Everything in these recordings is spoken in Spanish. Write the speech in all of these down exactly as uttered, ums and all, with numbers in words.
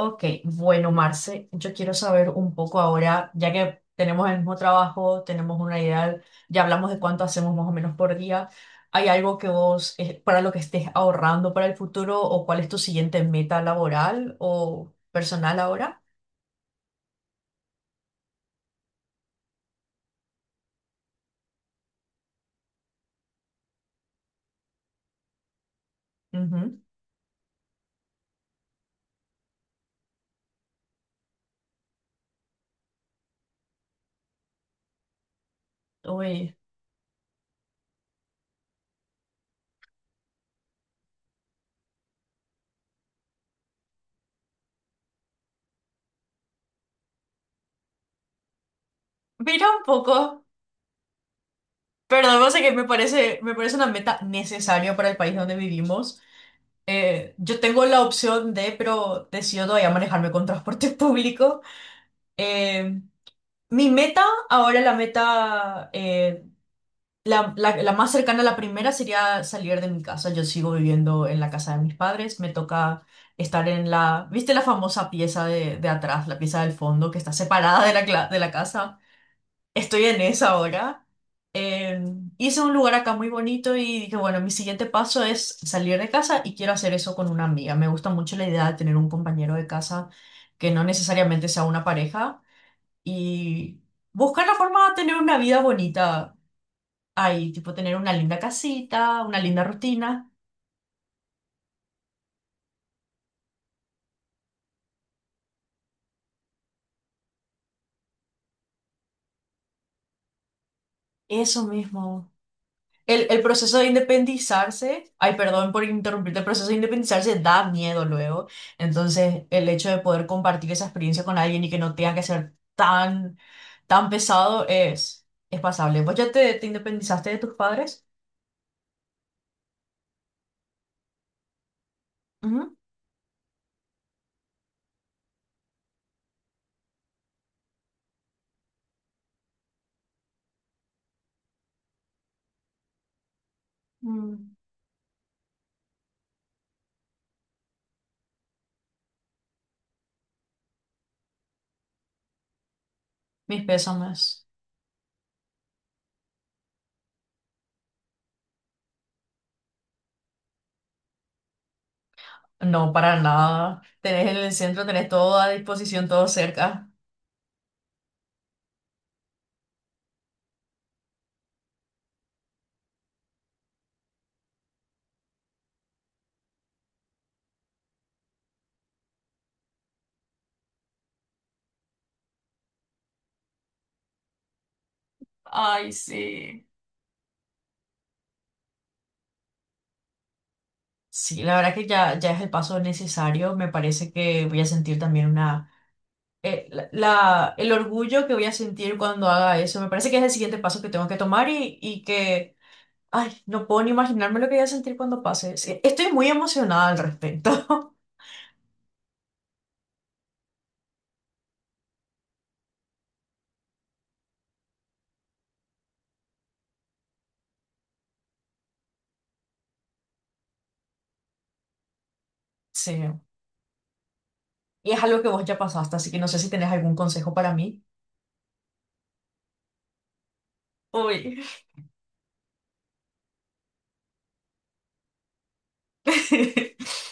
Ok, bueno, Marce, yo quiero saber un poco ahora, ya que tenemos el mismo trabajo, tenemos una idea, ya hablamos de cuánto hacemos más o menos por día. ¿Hay algo que vos, eh, para lo que estés ahorrando para el futuro, o cuál es tu siguiente meta laboral o personal ahora? Ujú. Uy, mira un poco, perdón, no sé que me parece, me parece una meta necesaria para el país donde vivimos. Eh, yo tengo la opción de, pero decido todavía manejarme con transporte público. Eh, Mi meta, ahora la meta, eh, la, la- la más cercana a la primera sería salir de mi casa. Yo sigo viviendo en la casa de mis padres. Me toca estar en la, ¿viste la famosa pieza de, de atrás, la pieza del fondo que está separada de la, cla- de la casa? Estoy en esa ahora. Eh, hice un lugar acá muy bonito y dije, bueno, mi siguiente paso es salir de casa y quiero hacer eso con una amiga. Me gusta mucho la idea de tener un compañero de casa que no necesariamente sea una pareja y buscar la forma de tener una vida bonita ahí, tipo tener una linda casita, una linda rutina, eso mismo. El, el proceso de independizarse, ay, perdón por interrumpirte, el proceso de independizarse da miedo luego. Entonces, el hecho de poder compartir esa experiencia con alguien y que no tenga que ser tan, tan pesado es, es pasable. ¿Vos ya te, te independizaste de tus padres? Ujú. Mm. Mis pésames. No, para nada. Tenés en el centro, tenés todo a disposición, todo cerca. Ay, sí. Sí, la verdad que ya, ya es el paso necesario. Me parece que voy a sentir también una... eh, la, la- el orgullo que voy a sentir cuando haga eso. Me parece que es el siguiente paso que tengo que tomar y, y que... Ay, no puedo ni imaginarme lo que voy a sentir cuando pase. Sí, estoy muy emocionada al respecto. Sí. Y es algo que vos ya pasaste, así que no sé si tenés algún consejo para mí. Uy.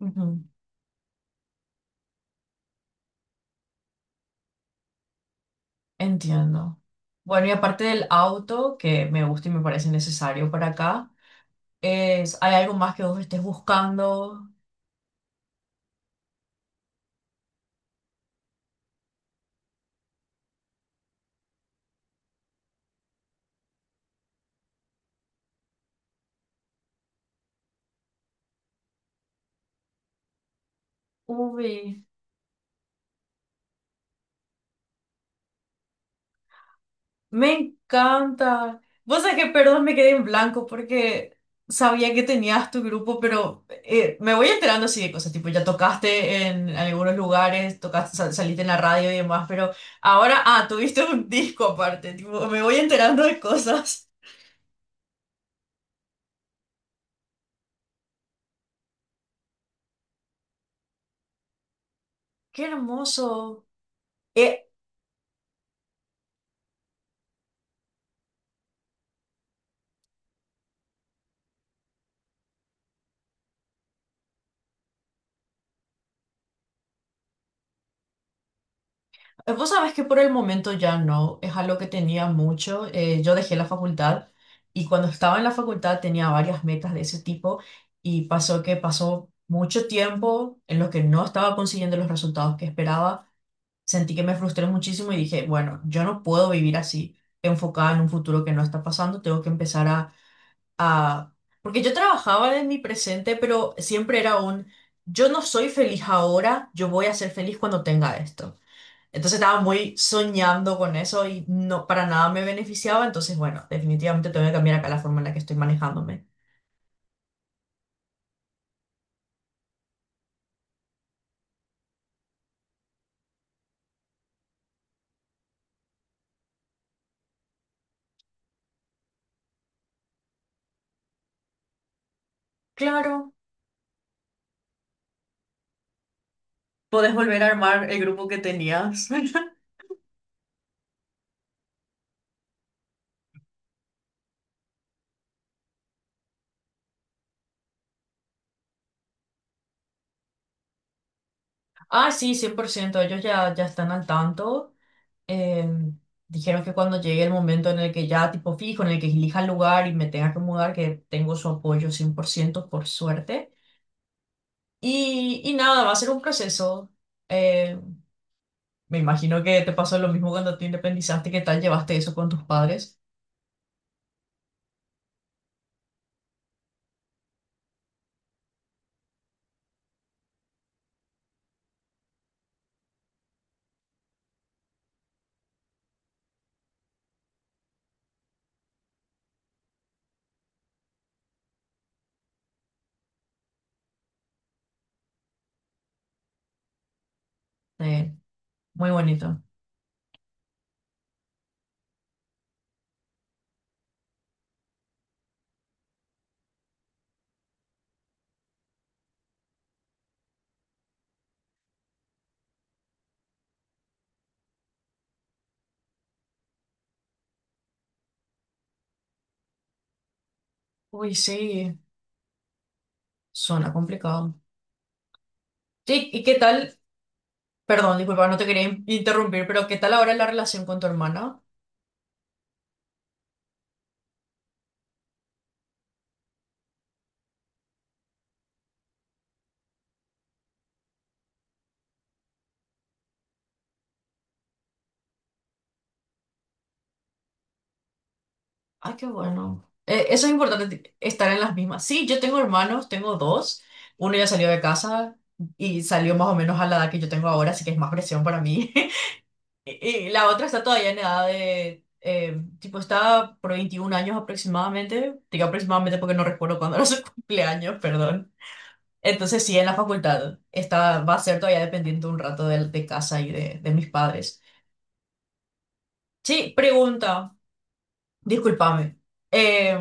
Ujú. Entiendo. Bueno, y aparte del auto, que me gusta y me parece necesario para acá, es, ¿hay algo más que vos estés buscando? Uy, me encanta. Vos sabés que, perdón, me quedé en blanco porque sabía que tenías tu grupo, pero eh, me voy enterando así de cosas, tipo, ya tocaste en algunos lugares, tocaste, sal- saliste en la radio y demás, pero ahora, ah, tuviste un disco aparte, tipo, me voy enterando de cosas. Qué hermoso. Eh, Eh, Vos sabés que por el momento ya no, es algo que tenía mucho. Eh, yo dejé la facultad y cuando estaba en la facultad tenía varias metas de ese tipo y pasó que pasó mucho tiempo en los que no estaba consiguiendo los resultados que esperaba. Sentí que me frustré muchísimo y dije, bueno, yo no puedo vivir así, enfocada en un futuro que no está pasando, tengo que empezar a, a... Porque yo trabajaba en mi presente, pero siempre era un, yo no soy feliz ahora, yo voy a ser feliz cuando tenga esto. Entonces estaba muy soñando con eso y no para nada me beneficiaba. Entonces, bueno, definitivamente tengo que cambiar acá la forma en la que estoy manejándome. Claro. Podés volver a armar el grupo que tenías. Ah, sí, cien por ciento. Ellos ya, ya están al tanto. Em, dijeron que cuando llegue el momento en el que ya tipo fijo, en el que elija el lugar y me tenga que mudar, que tengo su apoyo cien por ciento por suerte. Y, y nada, va a ser un proceso. eh, Me imagino que te pasó lo mismo cuando te independizaste, ¿qué tal llevaste eso con tus padres? Eh, muy bonito. Uy, sí, suena complicado. Sí, ¿y qué tal? Perdón, disculpa, no te quería in- interrumpir, pero ¿qué tal ahora la relación con tu hermana? Ay, qué bueno. Eh, eso es importante, estar en las mismas. Sí, yo tengo hermanos, tengo dos. Uno ya salió de casa y salió más o menos a la edad que yo tengo ahora, así que es más presión para mí. Y, y la otra está todavía en edad de, eh, tipo, está por veintiún años aproximadamente, digo aproximadamente porque no recuerdo cuándo era su cumpleaños, perdón. Entonces sí, en la facultad está, va a ser todavía dependiente un rato de, de casa y de, de mis padres. Sí, pregunta, discúlpame. Eh,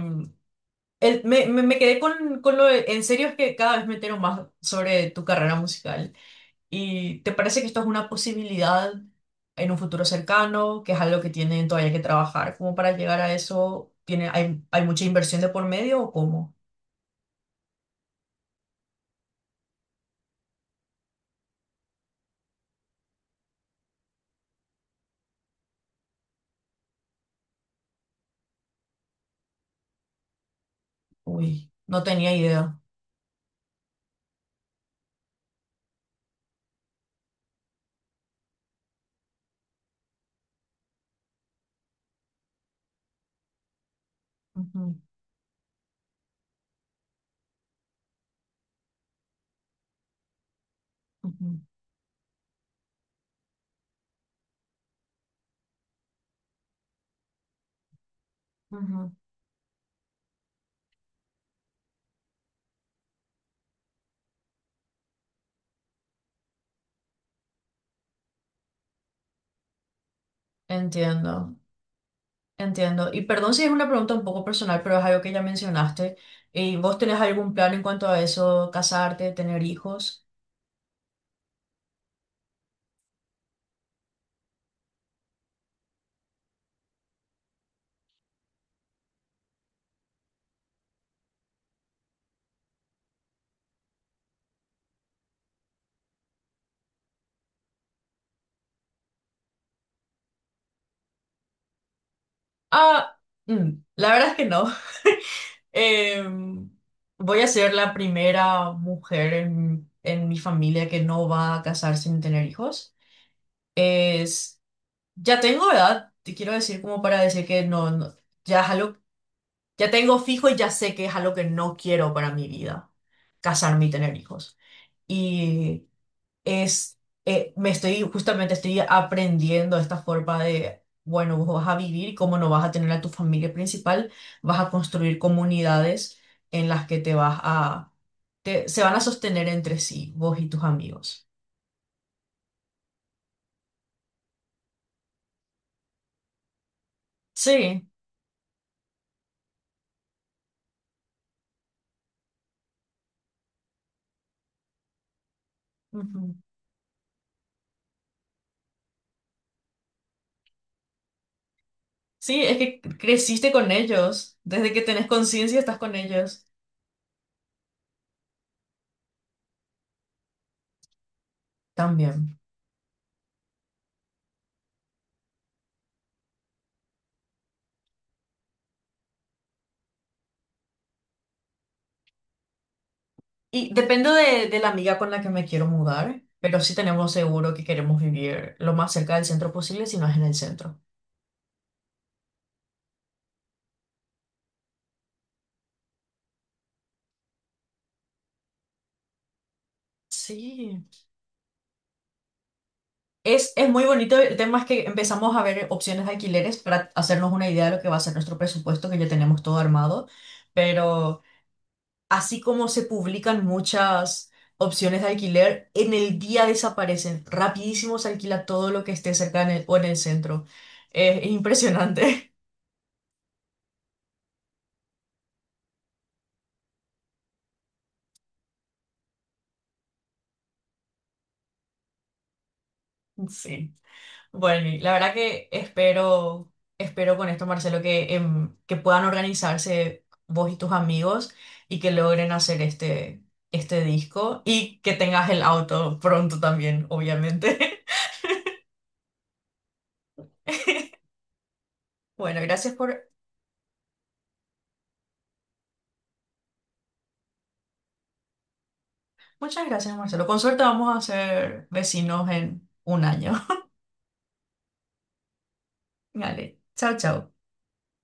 el- me, me- me quedé con, con lo de- en serio es que cada vez me entero más sobre tu carrera musical. ¿Y te parece que esto es una posibilidad en un futuro cercano, que es algo que tienen todavía que trabajar? ¿Cómo para llegar a eso? ¿Tiene, hay, hay mucha inversión de por medio o cómo? Uy, no tenía idea. Ujú, ujú, ujú. Entiendo, entiendo. Y perdón si es una pregunta un poco personal, pero es algo que ya mencionaste. ¿Y vos tenés algún plan en cuanto a eso, casarte, tener hijos? Ah, mm, la verdad es que no. Eh, voy a ser la primera mujer en, en mi familia que no va a casarse sin tener hijos. Es, ya tengo edad, te quiero decir como para decir que no, no- ya es algo, ya tengo fijo y ya sé que es algo que no quiero para mi vida, casarme y tener hijos. Y es, eh, me estoy, justamente estoy aprendiendo esta forma de, bueno, vos vas a vivir y como no vas a tener a tu familia principal, vas a construir comunidades en las que te vas a, te- se van a sostener entre sí, vos y tus amigos. Sí, ujú. Sí, es que creciste con ellos, desde que tenés conciencia estás con ellos también. Y dependo de, de la amiga con la que me quiero mudar, pero sí tenemos seguro que queremos vivir lo más cerca del centro posible si no es en el centro. Sí. Es, es muy bonito. El tema es que empezamos a ver opciones de alquileres para hacernos una idea de lo que va a ser nuestro presupuesto, que ya tenemos todo armado. Pero así como se publican muchas opciones de alquiler, en el día desaparecen. Rapidísimo se alquila todo lo que esté cerca en el- o en el centro. Es impresionante. Sí. Bueno, y la verdad que espero, espero con esto, Marcelo, que, em, que puedan organizarse vos y tus amigos y que logren hacer este, este disco y que tengas el auto pronto también, obviamente. Bueno, gracias por... Muchas gracias, Marcelo. Con suerte vamos a ser vecinos en un año. Vale, chao, chao.